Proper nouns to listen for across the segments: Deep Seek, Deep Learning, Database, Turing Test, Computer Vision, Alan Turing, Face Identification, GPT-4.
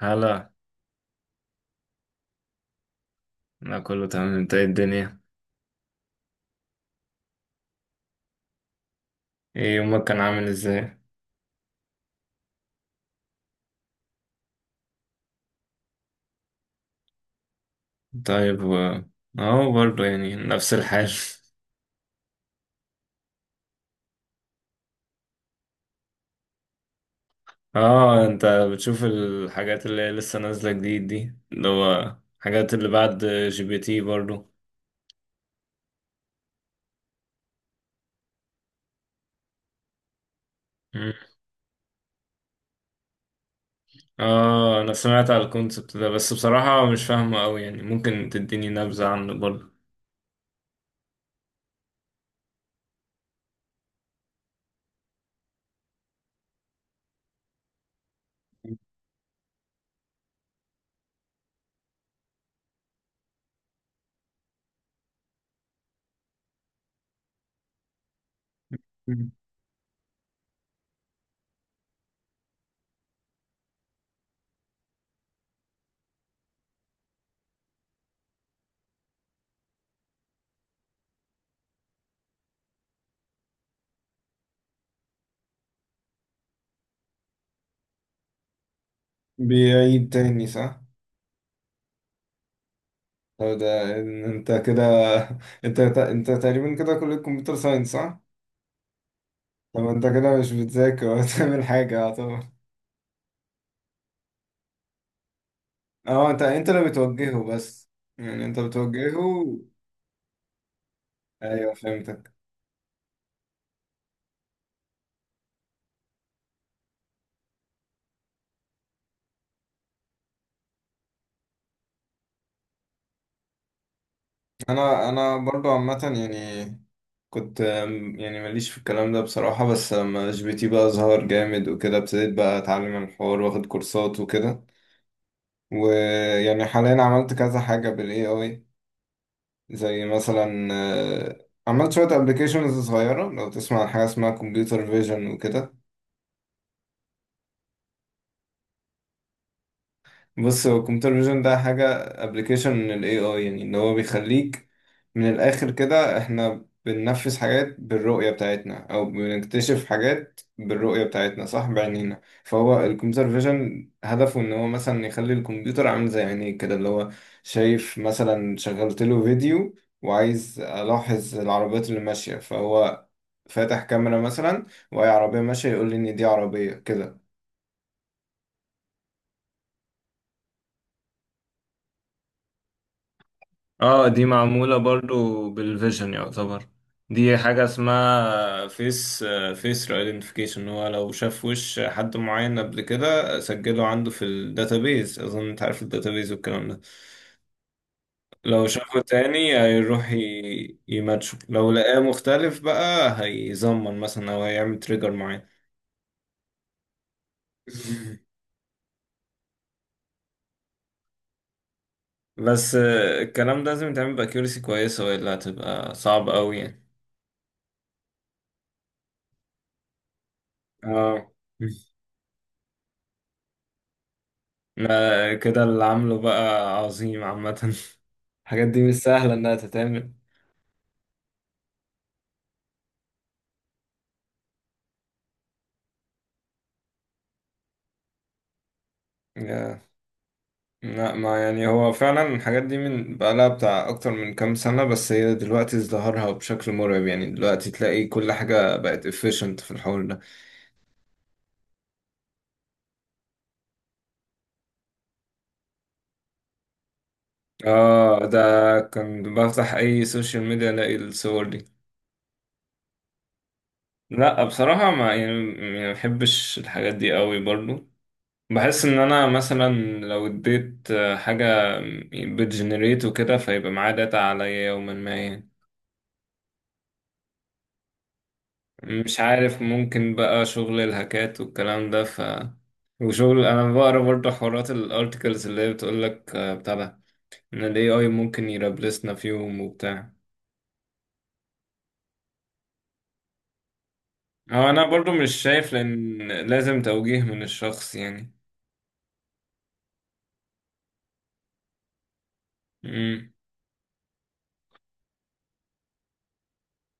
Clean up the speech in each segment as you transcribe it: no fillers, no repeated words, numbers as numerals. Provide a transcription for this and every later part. هلا. انا كله تمام. انت ايه الدنيا؟ ايه يومك كان عامل ازاي؟ طيب اهو برضه يعني نفس الحال. اه، انت بتشوف الحاجات اللي هي لسه نازلة جديد دي، اللي هو الحاجات اللي بعد جي بي تي برضه. مم. اه، انا سمعت على الكونسبت ده، بس بصراحة مش فاهمه قوي يعني. ممكن تديني نبذة عنه برضه؟ مم. بيعيد تاني صح؟ طب ده انت كده. انت تقريبا كده كلية كمبيوتر ساينس صح؟ طب انت كده مش بتذاكر ولا بتعمل حاجة؟ اه طبعا. اه، انت اللي بتوجهه بس، يعني انت بتوجهه. ايوه فهمتك. انا برضو عامة يعني. كنت يعني ماليش في الكلام ده بصراحة، بس لما جي بي تي بقى ظهر جامد وكده، ابتديت بقى اتعلم الحوار واخد كورسات وكده. ويعني حاليا عملت كذا حاجة بالاي اي، زي مثلا اه، عملت شوية ابلكيشنز صغيرة. لو تسمع عن حاجة اسمها كمبيوتر فيجن وكده، بص، هو الكمبيوتر فيجن ده حاجة، ابلكيشن من ال AI، يعني ان هو بيخليك، من الآخر كده احنا بننفذ حاجات بالرؤية بتاعتنا او بنكتشف حاجات بالرؤية بتاعتنا صح، بعينينا. فهو الكمبيوتر فيجن هدفه ان هو مثلا يخلي الكمبيوتر عامل زي عينيك كده، اللي هو شايف. مثلا شغلت له فيديو وعايز الاحظ العربيات اللي ماشية، فهو فاتح كاميرا مثلا، وهي عربية ماشية يقول لي ان دي عربية كده. اه، دي معمولة برضو بالفيجن يعتبر. دي حاجة اسمها فيس، فيس ايدنتيفيكيشن. هو لو شاف وش حد معين قبل كده سجله عنده في الداتابيز، اظن انت عارف الداتابيز والكلام ده، لو شافه تاني هيروح يماتشه، لو لقاه مختلف بقى هيزمن مثلا او هيعمل تريجر معين. بس الكلام ده لازم يتعمل باكيورسي كويسة، والا هتبقى صعب قوي يعني. اه. لا، كده اللي عامله بقى عظيم عامة. الحاجات دي مش سهلة إنها تتعمل. يا- لا ما يعني، هو فعلا الحاجات دي من بقالها بتاع أكتر من كام سنة، بس هي دلوقتي ازدهرها بشكل مرعب يعني، دلوقتي تلاقي كل حاجة بقت efficient في الحوار ده. اه ده. كان بفتح أي سوشيال ميديا ألاقي الصور دي. لا بصراحة ما يعني، ما بحبش الحاجات دي قوي برضو، بحس ان انا مثلا لو اديت حاجة بتجنريت وكده، فيبقى معاه داتا عليا يوما ما يعني. مش عارف، ممكن بقى شغل الهاكات والكلام ده، وشغل انا بقرا برضه حوارات الارتكلز اللي هي بتقولك بتاع ده، ان الاي اي ممكن يرابلسنا في يوم وبتاع. هو انا برضه مش شايف، لان لازم توجيه من الشخص يعني.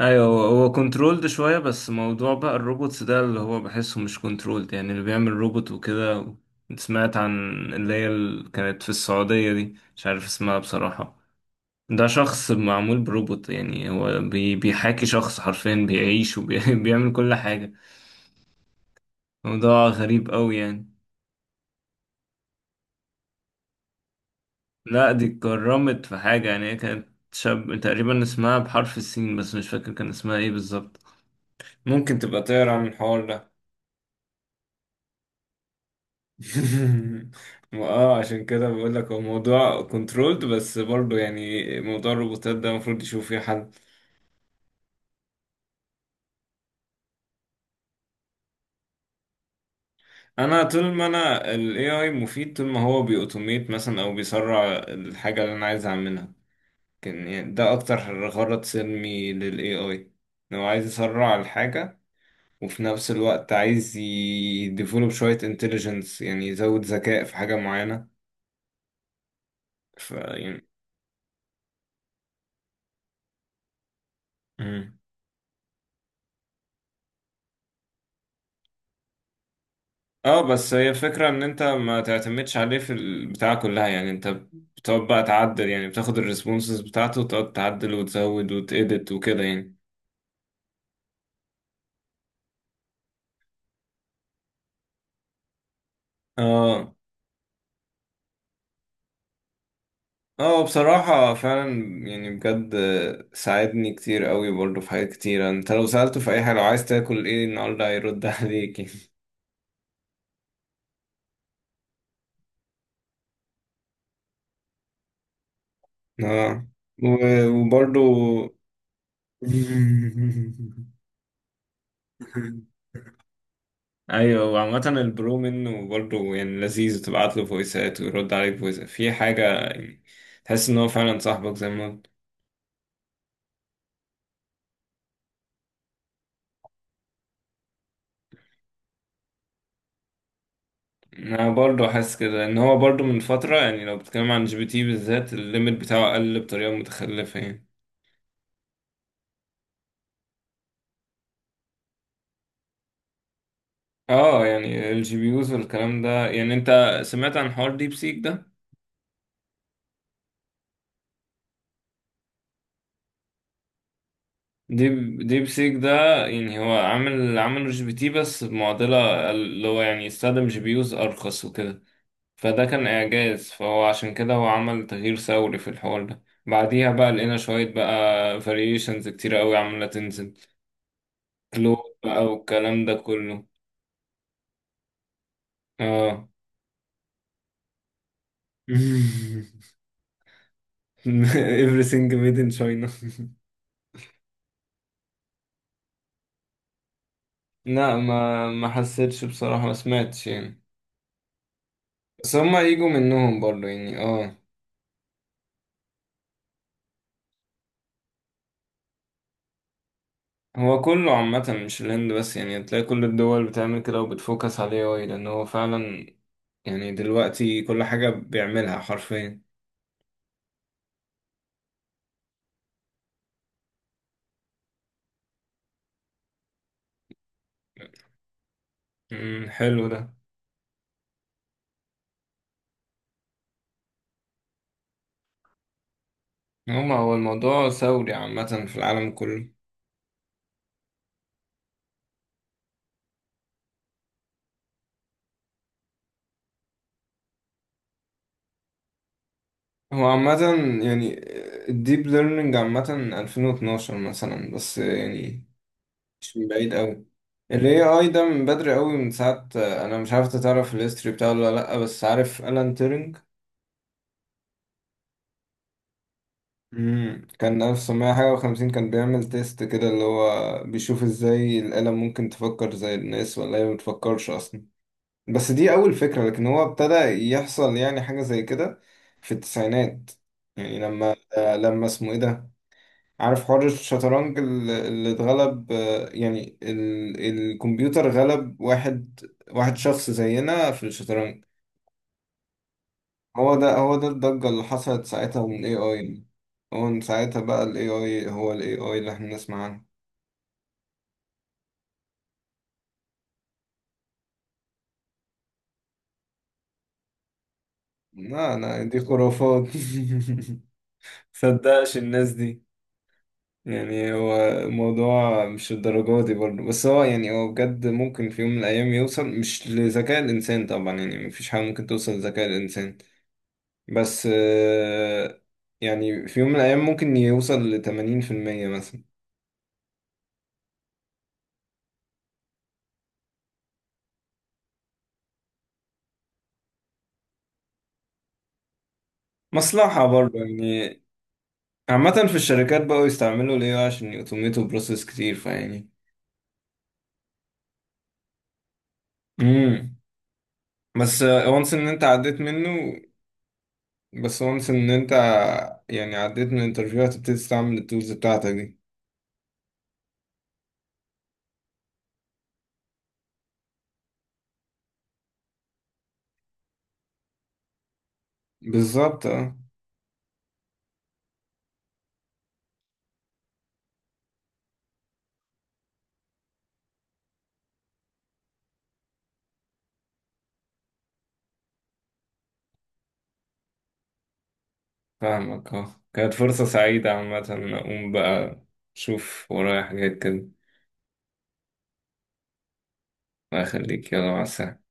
ايوه، هو هو كنترولد شويه، بس موضوع بقى الروبوتس ده اللي هو بحسه مش كنترولد، يعني اللي بيعمل روبوت وكده. سمعت عن، اللي هي كانت في السعوديه دي مش عارف اسمها بصراحه، ده شخص معمول بروبوت، يعني هو بيحاكي شخص حرفيا، بيعيش وبيعمل كل حاجه. موضوع غريب قوي يعني. لا دي اتكرمت في حاجه، يعني هي كانت شاب تقريبا اسمها بحرف السين، بس مش فاكر كان اسمها ايه بالظبط. ممكن تبقى تقرا عن الحوار ده. ما اه عشان كده بقول لك، هو موضوع كنترولد، بس برضه يعني موضوع الروبوتات ده المفروض يشوف فيه حل. انا طول ما انا ال AI مفيد، طول ما هو بيأوتوميت مثلا او بيسرع الحاجة اللي انا عايز اعملها، كان يعني ده اكتر غرض سلمي لل AI، إن هو عايز يسرع الحاجة، وفي نفس الوقت عايز يديفولوب شوية انتليجنس، يعني يزود ذكاء في حاجة معينة. يعني، اه بس هي فكرة ان انت ما تعتمدش عليه في البتاع كلها، يعني انت بتقعد بقى تعدل، يعني بتاخد الريسبونسز بتاعته وتقعد تعدل وتزود وتedit وكده يعني. اه. اه، بصراحة فعلا يعني بجد ساعدني كتير قوي برضه في حاجات كتيرة. انت لو سألته في اي حاجة، لو عايز تاكل ايه النهاردة هيرد عليك يعني. اه وبرضه. ايوه، وعامة البرو منه برضه يعني لذيذ، تبعت له فويسات ويرد عليك فويس في حاجة يعني، تحس ان هو فعلا صاحبك زي ما قلت. انا برضه حاسس كده ان هو برضه من فترة يعني، لو بتتكلم عن جي بي تي بالذات، الليميت بتاعه قل بطريقة متخلفة يعني. اه، يعني الجي بي يوز والكلام ده، يعني انت سمعت عن حوار ديب سيك ده؟ ديب سيك ده، يعني هو عامل عمله جي بي تي بس بمعضلة، اللي هو يعني يستخدم جي بي يوز ارخص وكده، فده كان إعجاز، فهو عشان كده هو عمل تغيير ثوري في الحوار ده، بعديها بقى لقينا شوية بقى فاريشنز كتيرة قوي عمالة تنزل كلوب بقى والكلام ده كله. اه. everything made in China. لا، ما ما حسيتش بصراحة، ما سمعتش يعني، بس هما يجوا منهم برضه يعني. اه. هو كله عامة، مش الهند بس يعني، تلاقي كل الدول بتعمل كده وبتفوكس عليه أوي، لأن هو فعلا يعني دلوقتي كل حاجة بيعملها حرفيا. امم، حلو ده. هو الموضوع ثوري عامة في العالم كله. هو عامة يعني الديب ليرنينج عامة 2012 مثلا بس يعني، مش من بعيد قوي. ال AI ده من بدري قوي، من ساعة أنا مش عارف إنت تعرف الهيستوري بتاعه ولا لأ، بس عارف ألان تيرنج؟ امم، كان 1950، كان بيعمل تيست كده اللي هو بيشوف ازاي الآلة ممكن تفكر زي الناس ولا هي ما بتفكرش أصلا. بس دي أول فكرة، لكن هو ابتدى يحصل يعني حاجة زي كده في التسعينات. يعني لما اسمه إيه ده، عارف حوار الشطرنج اللي اتغلب، يعني الكمبيوتر غلب واحد، واحد شخص زينا في الشطرنج. هو ده هو ده الضجة اللي حصلت ساعتها من AI يعني. هو من ساعتها بقى ال AI، هو ال AI اللي احنا بنسمع عنه. لا لا، دي خرافات. مصدقش الناس دي. يعني هو الموضوع مش الدرجة دي برضه، بس هو يعني هو بجد ممكن في يوم من الأيام يوصل، مش لذكاء الإنسان طبعا يعني مفيش حاجة ممكن توصل لذكاء الإنسان، بس يعني في يوم من الأيام ممكن يوصل لـ80% مثلا. مصلحة برضه يعني. عامة في الشركات بقوا يستعملوا ال AI عشان يوتوميتوا بروسيس كتير فيعني. امم. بس وانس إن أنت عديت منه، بس وانس إن أنت، يعني عديت من الانترفيو هتبتدي تستعمل التولز بتاعتك دي. بالظبط اه. فاهمك اه. كانت فرصة سعيدة عامة. أقوم بقى أشوف ورايا حاجات كده. الله يخليك، يلا مع السلامة.